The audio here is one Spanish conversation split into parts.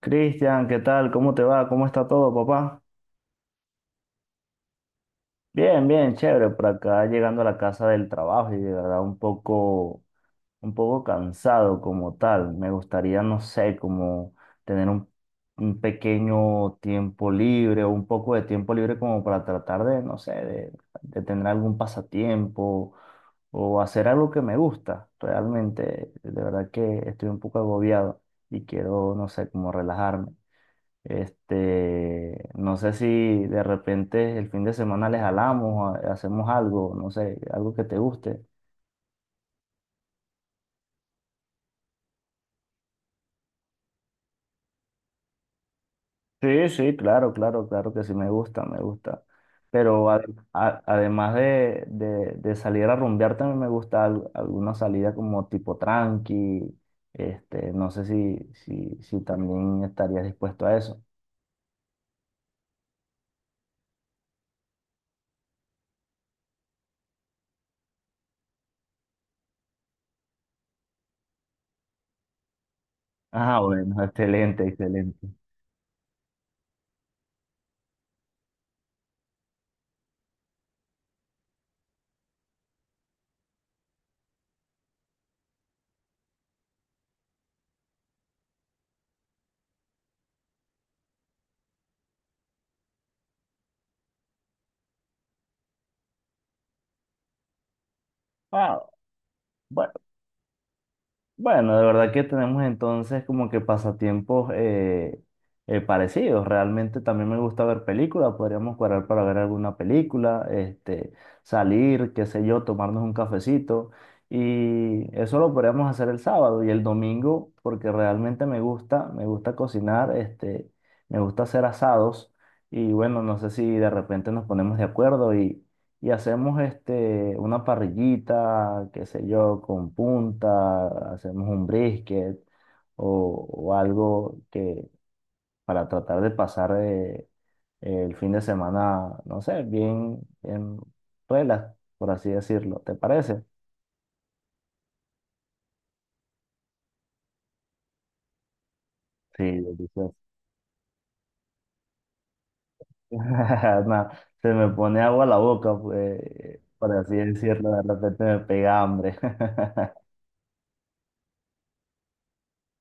Cristian, ¿qué tal? ¿Cómo te va? ¿Cómo está todo, papá? Bien, bien, chévere. Por acá llegando a la casa del trabajo y de verdad un poco cansado como tal. Me gustaría, no sé, como tener un pequeño tiempo libre o un poco de tiempo libre como para tratar de, no sé, de tener algún pasatiempo o hacer algo que me gusta. Realmente, de verdad que estoy un poco agobiado y quiero, no sé, como relajarme. Este, no sé si de repente el fin de semana les jalamos, hacemos algo, no sé, algo que te guste. Sí, sí, claro, claro, claro que sí, me gusta, me gusta. Pero además de salir a rumbear, también me gusta alguna salida como tipo tranqui. Este, no sé si también estarías dispuesto a eso. Ah, bueno, excelente, excelente. Ah, bueno. Bueno, de verdad que tenemos entonces como que pasatiempos parecidos. Realmente también me gusta ver películas, podríamos cuadrar para ver alguna película, este, salir, qué sé yo, tomarnos un cafecito. Y eso lo podríamos hacer el sábado y el domingo, porque realmente me gusta cocinar, este, me gusta hacer asados. Y bueno, no sé si de repente nos ponemos de acuerdo y hacemos este, una parrillita, qué sé yo, con punta, hacemos un brisket o algo que para tratar de pasar el fin de semana, no sé, bien, bien relax, por así decirlo. ¿Te parece? Sí, delicioso. Nah, se me pone agua a la boca, pues, por así decirlo, de repente me pega hambre.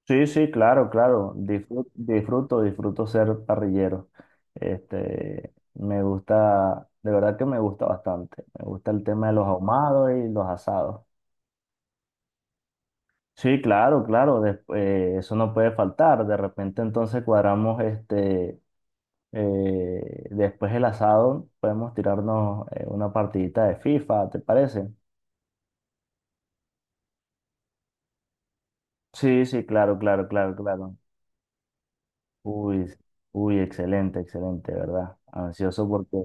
Sí, sí, claro, claro. Disfruto, disfruto, disfruto ser parrillero. Este, me gusta, de verdad que me gusta bastante. Me gusta el tema de los ahumados y los asados. Sí, claro, claro. Eso no puede faltar. De repente entonces cuadramos este, después el asado, podemos tirarnos una partidita de FIFA, ¿te parece? Sí, sí, claro, claro, claro, claro. Uy, uy, excelente, excelente, ¿verdad? Ansioso porque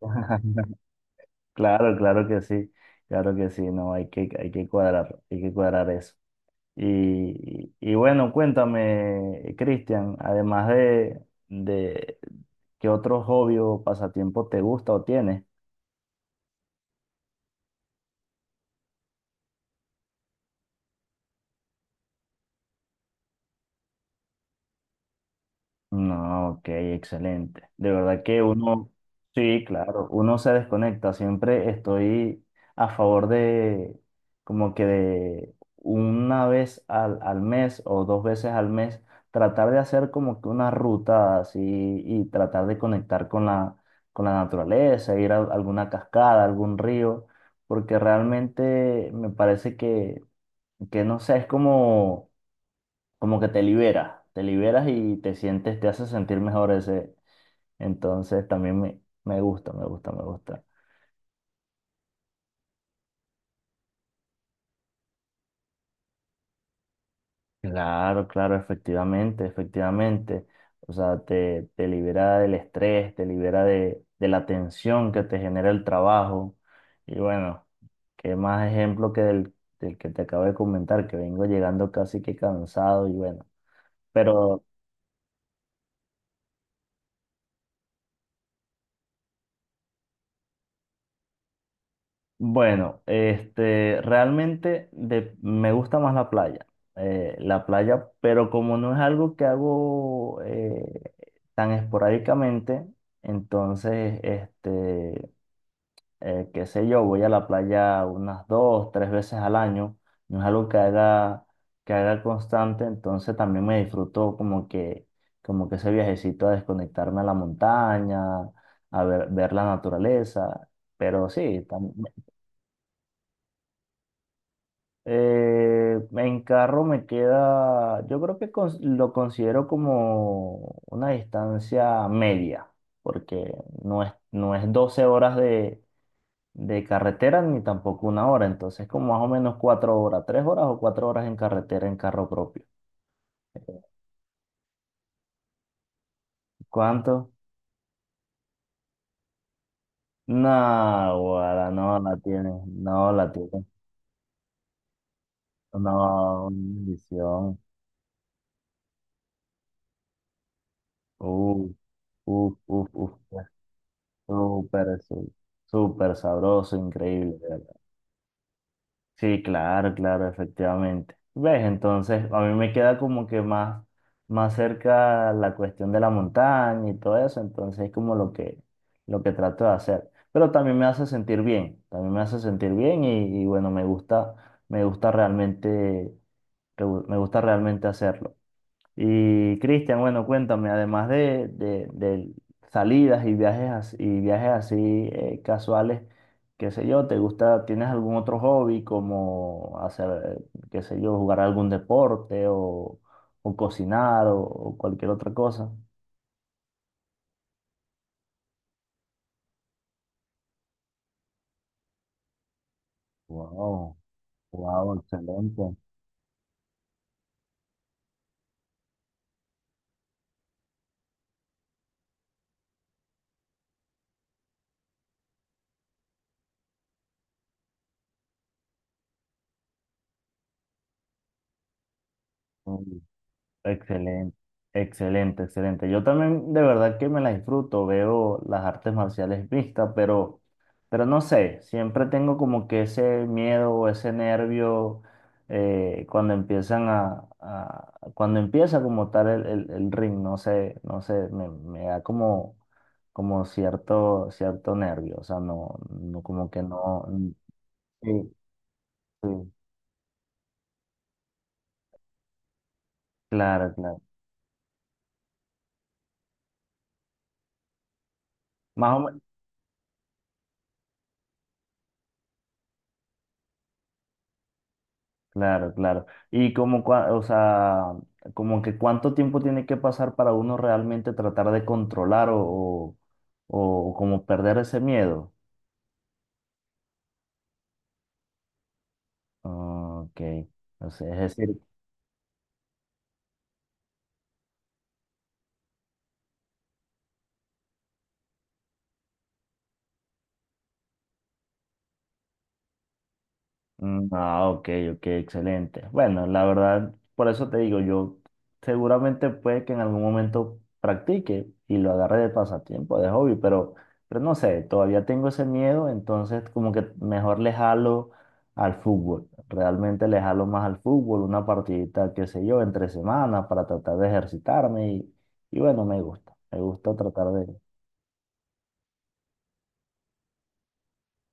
Claro, claro que sí, no, hay que cuadrar eso. Y bueno, cuéntame, Cristian, además de- de qué otro hobby o pasatiempo te gusta o tienes. No, ok, excelente. De verdad que uno, sí, claro, uno se desconecta. Siempre estoy a favor de, como que de una vez al mes o dos veces al mes, tratar de hacer como que una ruta así y tratar de conectar con la naturaleza, ir a alguna cascada, algún río, porque realmente me parece que no sé, es como como que te libera, te liberas y te sientes, te hace sentir mejor ese. Entonces también me gusta. Claro, claro, efectivamente, efectivamente. O sea, te libera del estrés, te libera de la tensión que te genera el trabajo. Y bueno, qué más ejemplo que del que te acabo de comentar, que vengo llegando casi que cansado y bueno. Pero bueno, este, realmente me gusta más la playa, pero como no es algo que hago tan esporádicamente, entonces, este, qué sé yo, voy a la playa unas 2, 3 veces al año, no es algo que haga constante, entonces también me disfruto como que ese viajecito a desconectarme a la montaña, a ver, ver la naturaleza. Pero sí, eh, en carro me queda, yo creo que lo considero como una distancia media, porque no es 12 horas de carretera ni tampoco una hora, entonces como más o menos 4 horas, 3 horas o 4 horas en carretera en carro propio. ¿Cuánto? No, guara, no la tiene, no la tiene, no, una bendición. Uf, uf, uf, uf, súper, súper sabroso, increíble. Sí, claro, claro, efectivamente. ¿Ves? Entonces, a mí me queda como que más, más cerca la cuestión de la montaña y todo eso, entonces es como lo que trato de hacer. Pero también me hace sentir bien, también me hace sentir bien y bueno, me gusta realmente, me gusta realmente hacerlo. Y Cristian, bueno, cuéntame, además de salidas y viajes, y viajes así casuales, qué sé yo, ¿te gusta, tienes algún otro hobby como hacer, eh, qué sé yo, jugar algún deporte o cocinar o cualquier otra cosa? Wow, wow, excelente. Excelente, excelente, excelente. Yo también de verdad que me la disfruto, veo las artes marciales mixtas, pero no sé, siempre tengo como que ese miedo o ese nervio cuando empiezan cuando empieza como tal el ring, no sé, no sé, me da como, como cierto, cierto nervio, o sea, no, no como que no, sí, sí, claro, claro. Más o, claro, claro. Y como, o sea, como que cuánto tiempo tiene que pasar para uno realmente tratar de controlar o como perder ese miedo. Ah, ok. O sea, es decir, mm, ah, ok, ok, excelente. Bueno, la verdad, por eso te digo, yo seguramente puede que en algún momento practique y lo agarre de pasatiempo, de hobby, pero no sé, todavía tengo ese miedo, entonces como que mejor le jalo al fútbol. Realmente le jalo más al fútbol, una partidita, qué sé yo, entre semana para tratar de ejercitarme y bueno, me gusta tratar de...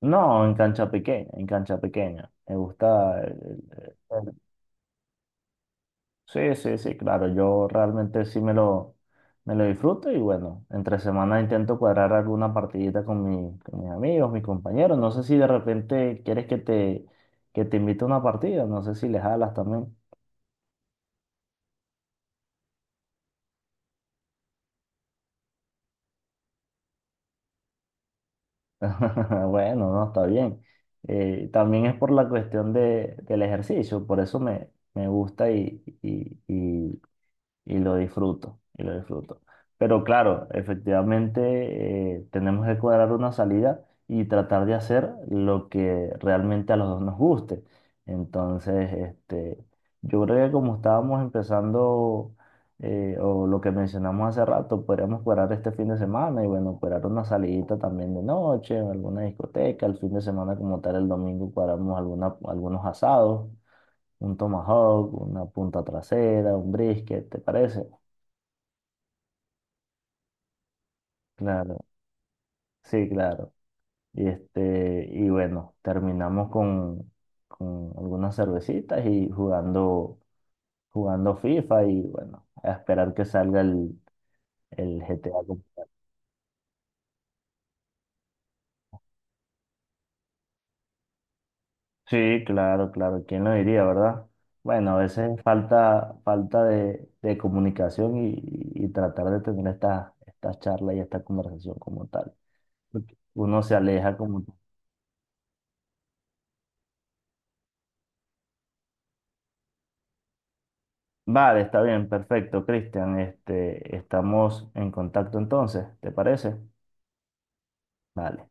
No, en cancha pequeña, en cancha pequeña. Me gusta... sí, sí, sí, claro, yo realmente sí me lo disfruto y bueno, entre semana intento cuadrar alguna partidita con, mi, con mis amigos, mis compañeros. No sé si de repente quieres que te invite a una partida, no sé si les jalas también. Bueno, no, está bien. También es por la cuestión del ejercicio, por eso me, me gusta y, y lo disfruto, y lo disfruto. Pero claro, efectivamente tenemos que cuadrar una salida y tratar de hacer lo que realmente a los dos nos guste. Entonces, este, yo creo que como estábamos empezando o lo que mencionamos hace rato, podríamos cuadrar este fin de semana y bueno, cuadrar una salidita también de noche en alguna discoteca, el fin de semana como tal el domingo cuadramos alguna, algunos asados un tomahawk, una punta trasera, un brisket, ¿te parece? Claro, sí, claro. Y este, y bueno, terminamos con algunas cervecitas y jugando, jugando FIFA y bueno, a esperar que salga el GTA. Sí, claro, claro. ¿Quién lo diría, verdad? Bueno, a veces falta, falta de comunicación y tratar de tener esta, esta charla y esta conversación como tal. Porque uno se aleja como vale, está bien, perfecto, Cristian. Este, estamos en contacto entonces, ¿te parece? Vale.